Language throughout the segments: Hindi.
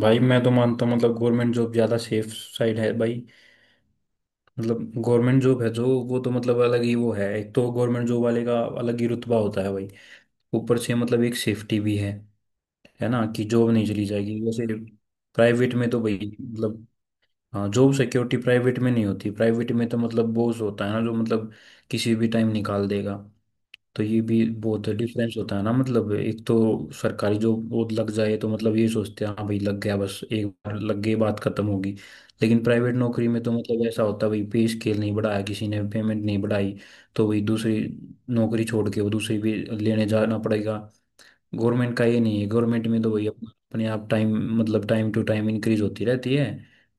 भाई मैं तो मानता हूँ मतलब गवर्नमेंट जॉब ज़्यादा सेफ साइड है भाई। मतलब गवर्नमेंट जॉब है जो वो तो मतलब अलग ही वो है, एक तो गवर्नमेंट जॉब वाले का अलग ही रुतबा होता है भाई। ऊपर से मतलब एक सेफ्टी भी है ना, कि जॉब नहीं चली जाएगी वैसे। प्राइवेट में तो भाई मतलब हाँ जॉब सिक्योरिटी प्राइवेट में नहीं होती। प्राइवेट में तो मतलब बॉस होता है ना जो मतलब किसी भी टाइम निकाल देगा। तो ये भी बहुत डिफरेंस होता है ना। मतलब एक तो सरकारी जॉब वो लग जाए तो मतलब ये सोचते हैं हाँ भाई लग गया, बस एक बार लग गई बात खत्म होगी। लेकिन प्राइवेट नौकरी में तो मतलब ऐसा होता है भाई, पे स्केल नहीं बढ़ाया, किसी ने पेमेंट नहीं बढ़ाई, तो भाई दूसरी नौकरी छोड़ के वो दूसरी भी लेने जाना पड़ेगा। गवर्नमेंट का ये नहीं है, गवर्नमेंट में तो भाई अपना- अपने आप टाइम मतलब टाइम टू टाइम इंक्रीज होती रहती है।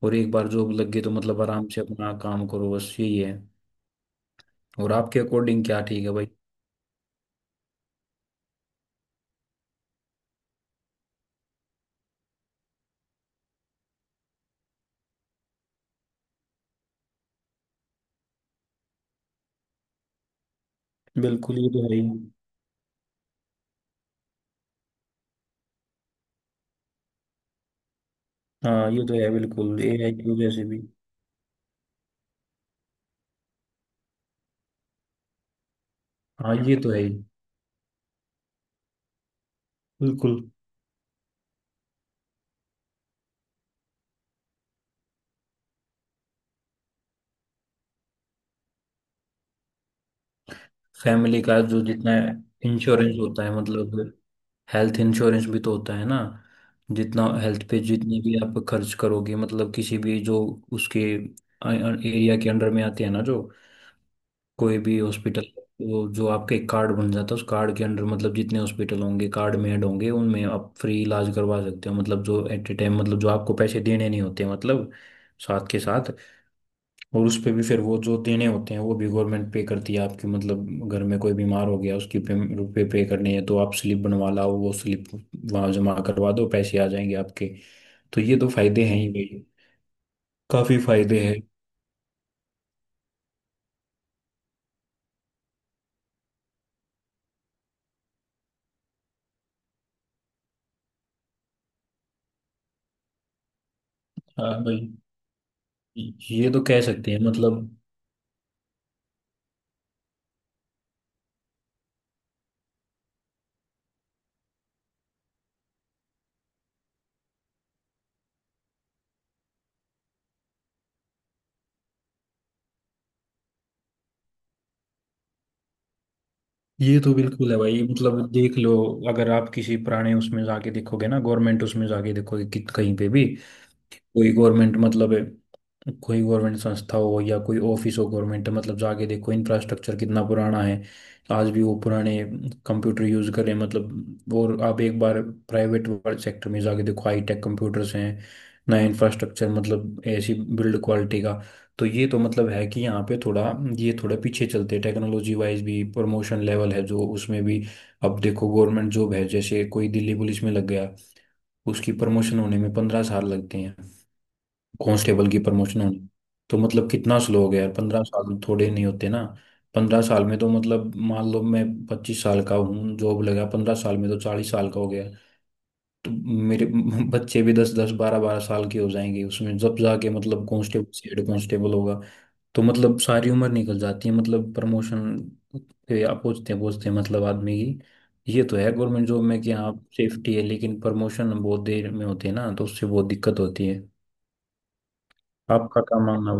और एक बार जॉब लग गई तो मतलब आराम से अपना काम करो, बस यही है। और आपके अकॉर्डिंग क्या ठीक है भाई? बिल्कुल, ये तो है ही। हाँ ये तो है बिल्कुल, एआई की वजह से भी। हाँ ये तो है ही। बिल्कुल। फैमिली का जो जितना इंश्योरेंस होता है मतलब हेल्थ इंश्योरेंस भी तो होता है ना। जितना हेल्थ पे जितनी भी आप खर्च करोगे मतलब किसी भी जो उसके एरिया के अंडर में आते हैं ना, जो कोई भी हॉस्पिटल, वो जो आपका एक कार्ड बन जाता है उस कार्ड के अंडर मतलब जितने हॉस्पिटल होंगे कार्ड में ऐड होंगे उनमें आप फ्री इलाज करवा सकते हो। मतलब जो एट ए टाइम मतलब जो आपको पैसे देने नहीं होते मतलब साथ के साथ। और उस पे भी फिर वो जो देने होते हैं वो भी गवर्नमेंट पे करती है आपकी। मतलब घर में कोई बीमार हो गया, उसकी पे, रुपए पे करने हैं तो आप स्लिप बनवा लाओ, वो स्लिप वहां जमा करवा दो, पैसे आ जाएंगे आपके। तो ये तो फायदे हैं ही भाई, काफी फायदे हैं। हाँ भाई, ये तो कह सकते हैं मतलब। ये तो बिल्कुल है भाई, मतलब देख लो, अगर आप किसी पुराने उसमें जाके देखोगे ना, गवर्नमेंट उसमें जाके देखोगे कि कहीं पे भी कोई गवर्नमेंट मतलब है, कोई गवर्नमेंट संस्था हो या कोई ऑफिस हो गवर्नमेंट, मतलब जाके देखो इंफ्रास्ट्रक्चर कितना पुराना है। आज भी वो पुराने कंप्यूटर यूज करें मतलब। और आप एक बार प्राइवेट सेक्टर में जाके देखो, हाई टेक कंप्यूटर्स हैं, नया इंफ्रास्ट्रक्चर, मतलब ऐसी बिल्ड क्वालिटी का। तो ये तो मतलब है कि यहाँ पे थोड़ा ये थोड़ा पीछे चलते हैं टेक्नोलॉजी वाइज भी। प्रमोशन लेवल है जो उसमें भी, अब देखो गवर्नमेंट जॉब है, जैसे कोई दिल्ली पुलिस में लग गया, उसकी प्रमोशन होने में 15 साल लगते हैं, कांस्टेबल की प्रमोशन होनी। तो मतलब कितना स्लो हो गया यार, 15 साल थोड़े नहीं होते ना। 15 साल में तो मतलब मान लो मैं 25 साल का हूँ, जॉब लगा, 15 साल में तो 40 साल का हो गया। तो मेरे बच्चे भी 10-10 12-12 साल के हो जाएंगे उसमें, जब जाके मतलब कांस्टेबल से हेड कांस्टेबल होगा। तो मतलब सारी उम्र निकल जाती है मतलब प्रमोशन के आप पूछते पूछते मतलब आदमी की। ये तो है गवर्नमेंट जॉब में कि हाँ सेफ्टी है लेकिन प्रमोशन बहुत देर में होती है ना, तो उससे बहुत दिक्कत होती है। आपका क्या मानना?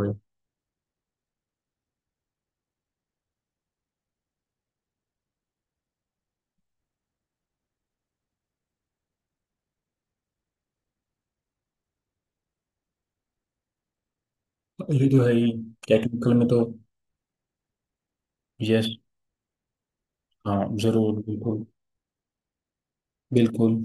ये तो है ही, टेक्निकल में तो। यस। हाँ जरूर, बिल्कुल। बिल्कुल।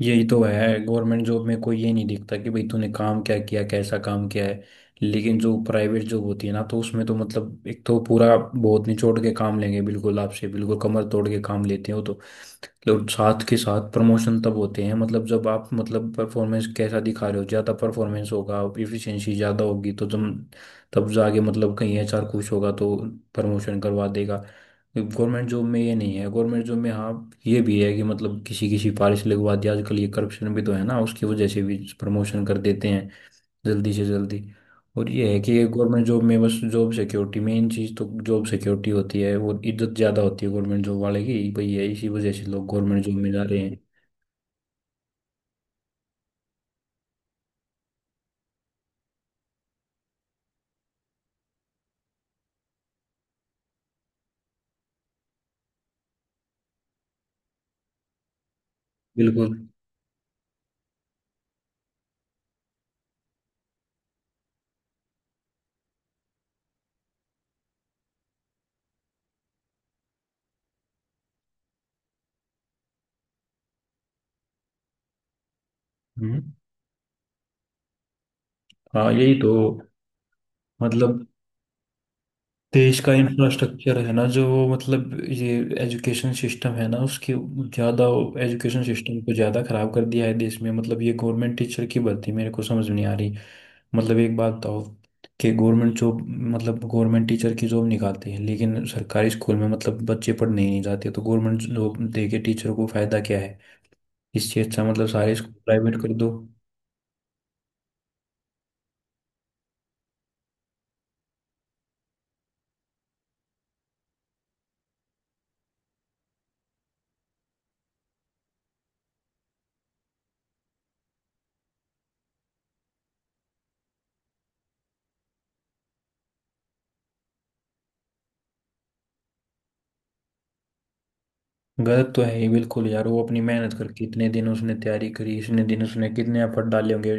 यही तो है, गवर्नमेंट जॉब में कोई ये नहीं देखता कि भाई तूने काम क्या किया, कैसा काम किया है। लेकिन जो प्राइवेट जॉब होती है ना, तो उसमें तो मतलब एक तो पूरा बहुत निचोड़ के काम लेंगे बिल्कुल आपसे, बिल्कुल कमर तोड़ के काम लेते हो तो लोग। साथ के साथ प्रमोशन तब होते हैं मतलब जब आप मतलब परफॉर्मेंस कैसा दिखा रहे हो, ज़्यादा परफॉर्मेंस होगा, इफिशिएंसी ज़्यादा होगी, तो जब तब जाके मतलब कहीं एचआर खुश होगा तो प्रमोशन करवा देगा। गवर्नमेंट जॉब में ये नहीं है। गवर्नमेंट जॉब में हाँ ये भी है कि मतलब किसी किसी पारिश लगवा दिया, आजकल ये करप्शन भी तो है ना, उसकी वजह से भी प्रमोशन कर देते हैं जल्दी से जल्दी। और ये है कि ये गवर्नमेंट जॉब में बस जॉब सिक्योरिटी मेन चीज़, तो जॉब सिक्योरिटी होती है और इज्जत ज़्यादा होती है गवर्नमेंट जॉब वाले की भाई, है इसी वजह से लोग गवर्नमेंट जॉब में जा रहे हैं। बिल्कुल। हम्म। हाँ, यही तो। मतलब देश का इंफ्रास्ट्रक्चर है ना, जो वो मतलब ये एजुकेशन सिस्टम है ना उसकी ज़्यादा। एजुकेशन सिस्टम को ज़्यादा खराब कर दिया है देश में, मतलब ये गवर्नमेंट टीचर की भर्ती मेरे को समझ में नहीं आ रही। मतलब एक बात बताओ कि गवर्नमेंट जॉब, मतलब गवर्नमेंट टीचर की जॉब निकालती है, लेकिन सरकारी स्कूल में मतलब बच्चे पढ़ने ही नहीं जाते, तो गवर्नमेंट जॉब दे के टीचर को फायदा क्या है? इससे अच्छा मतलब सारे स्कूल प्राइवेट कर दो। गलत तो है ही बिल्कुल यार, वो अपनी मेहनत करके इतने दिन उसने तैयारी करी, इतने दिन उसने कितने एफर्ट डाले होंगे,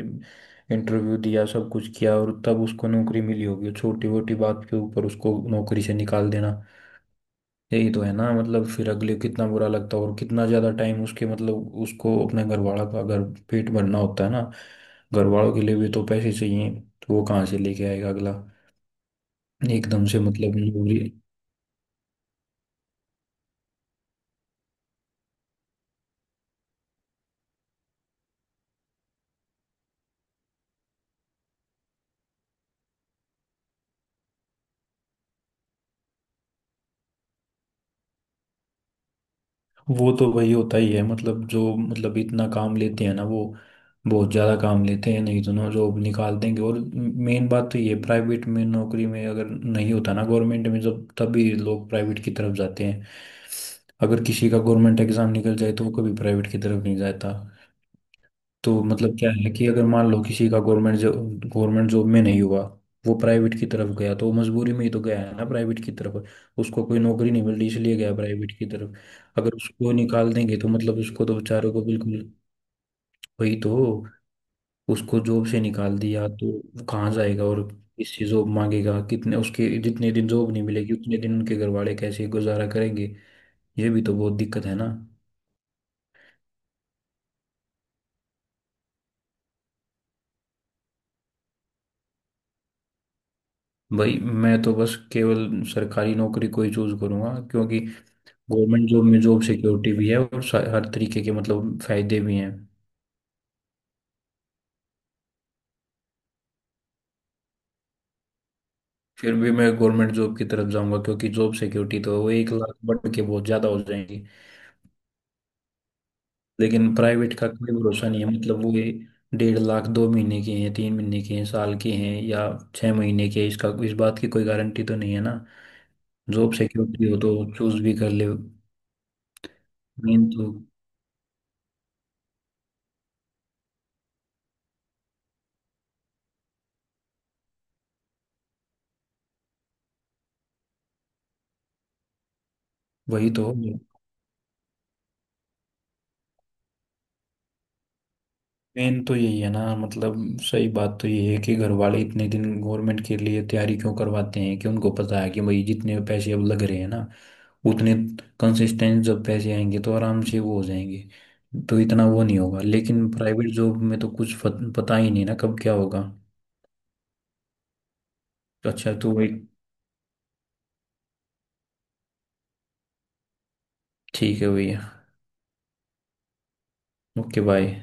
इंटरव्यू दिया, सब कुछ किया, और तब उसको नौकरी मिली होगी, छोटी मोटी बात के ऊपर उसको नौकरी से निकाल देना। यही तो है ना मतलब, फिर अगले को कितना बुरा लगता है, और कितना ज्यादा टाइम उसके मतलब उसको अपने घर वाला का, अगर पेट भरना होता है ना, घर वालों के लिए भी तो पैसे चाहिए, तो वो कहाँ से लेके आएगा अगला एकदम से मतलब। वो तो वही होता ही है, मतलब जो मतलब इतना काम लेते हैं ना वो, बहुत ज़्यादा काम लेते हैं नहीं तो ना जॉब निकाल देंगे। और मेन बात तो ये, प्राइवेट में नौकरी में अगर नहीं होता ना गवर्नमेंट में जब, तभी लोग प्राइवेट की तरफ जाते हैं। अगर किसी का गवर्नमेंट एग्ज़ाम निकल जाए तो वो कभी प्राइवेट की तरफ नहीं जाता। तो मतलब क्या है कि अगर मान लो किसी का गवर्नमेंट जॉब में नहीं हुआ, वो प्राइवेट की तरफ गया, तो वो मजबूरी में ही तो गया है ना प्राइवेट की तरफ। उसको कोई नौकरी नहीं मिल रही इसलिए गया प्राइवेट की तरफ। अगर उसको निकाल देंगे तो मतलब उसको तो बेचारे को बिल्कुल। वही तो, उसको जॉब से निकाल दिया तो वो कहाँ जाएगा और किससे जॉब मांगेगा, कितने उसके जितने दिन जॉब नहीं मिलेगी उतने दिन उनके घर वाले कैसे गुजारा करेंगे? ये भी तो बहुत दिक्कत है ना। भाई मैं तो बस केवल सरकारी नौकरी को ही चूज करूंगा, क्योंकि गवर्नमेंट जॉब में जॉब सिक्योरिटी भी है और सा- हर तरीके के मतलब फायदे भी हैं। फिर भी मैं गवर्नमेंट जॉब की तरफ जाऊंगा क्योंकि जॉब सिक्योरिटी, तो वो 1 लाख बढ़ के बहुत ज्यादा हो जाएंगी। लेकिन प्राइवेट का कोई भरोसा नहीं है, मतलब वो ये 1.5 लाख 2 महीने के हैं, 3 महीने के हैं, साल के हैं, या 6 महीने के हैं, इसका इस बात की कोई गारंटी तो नहीं है ना। जॉब सिक्योरिटी हो तो चूज भी कर ले। मेन तो वही तो, मेन तो यही है ना मतलब। सही बात तो ये है कि घर वाले इतने दिन गवर्नमेंट के लिए तैयारी क्यों करवाते हैं, कि उनको पता है कि भाई जितने पैसे अब लग रहे हैं ना उतने कंसिस्टेंट जब पैसे आएंगे तो आराम से वो हो जाएंगे। तो इतना वो नहीं होगा लेकिन प्राइवेट जॉब में तो कुछ फत- पता ही नहीं ना कब क्या होगा। तो अच्छा तो वही, ठीक है भैया, ओके बाय।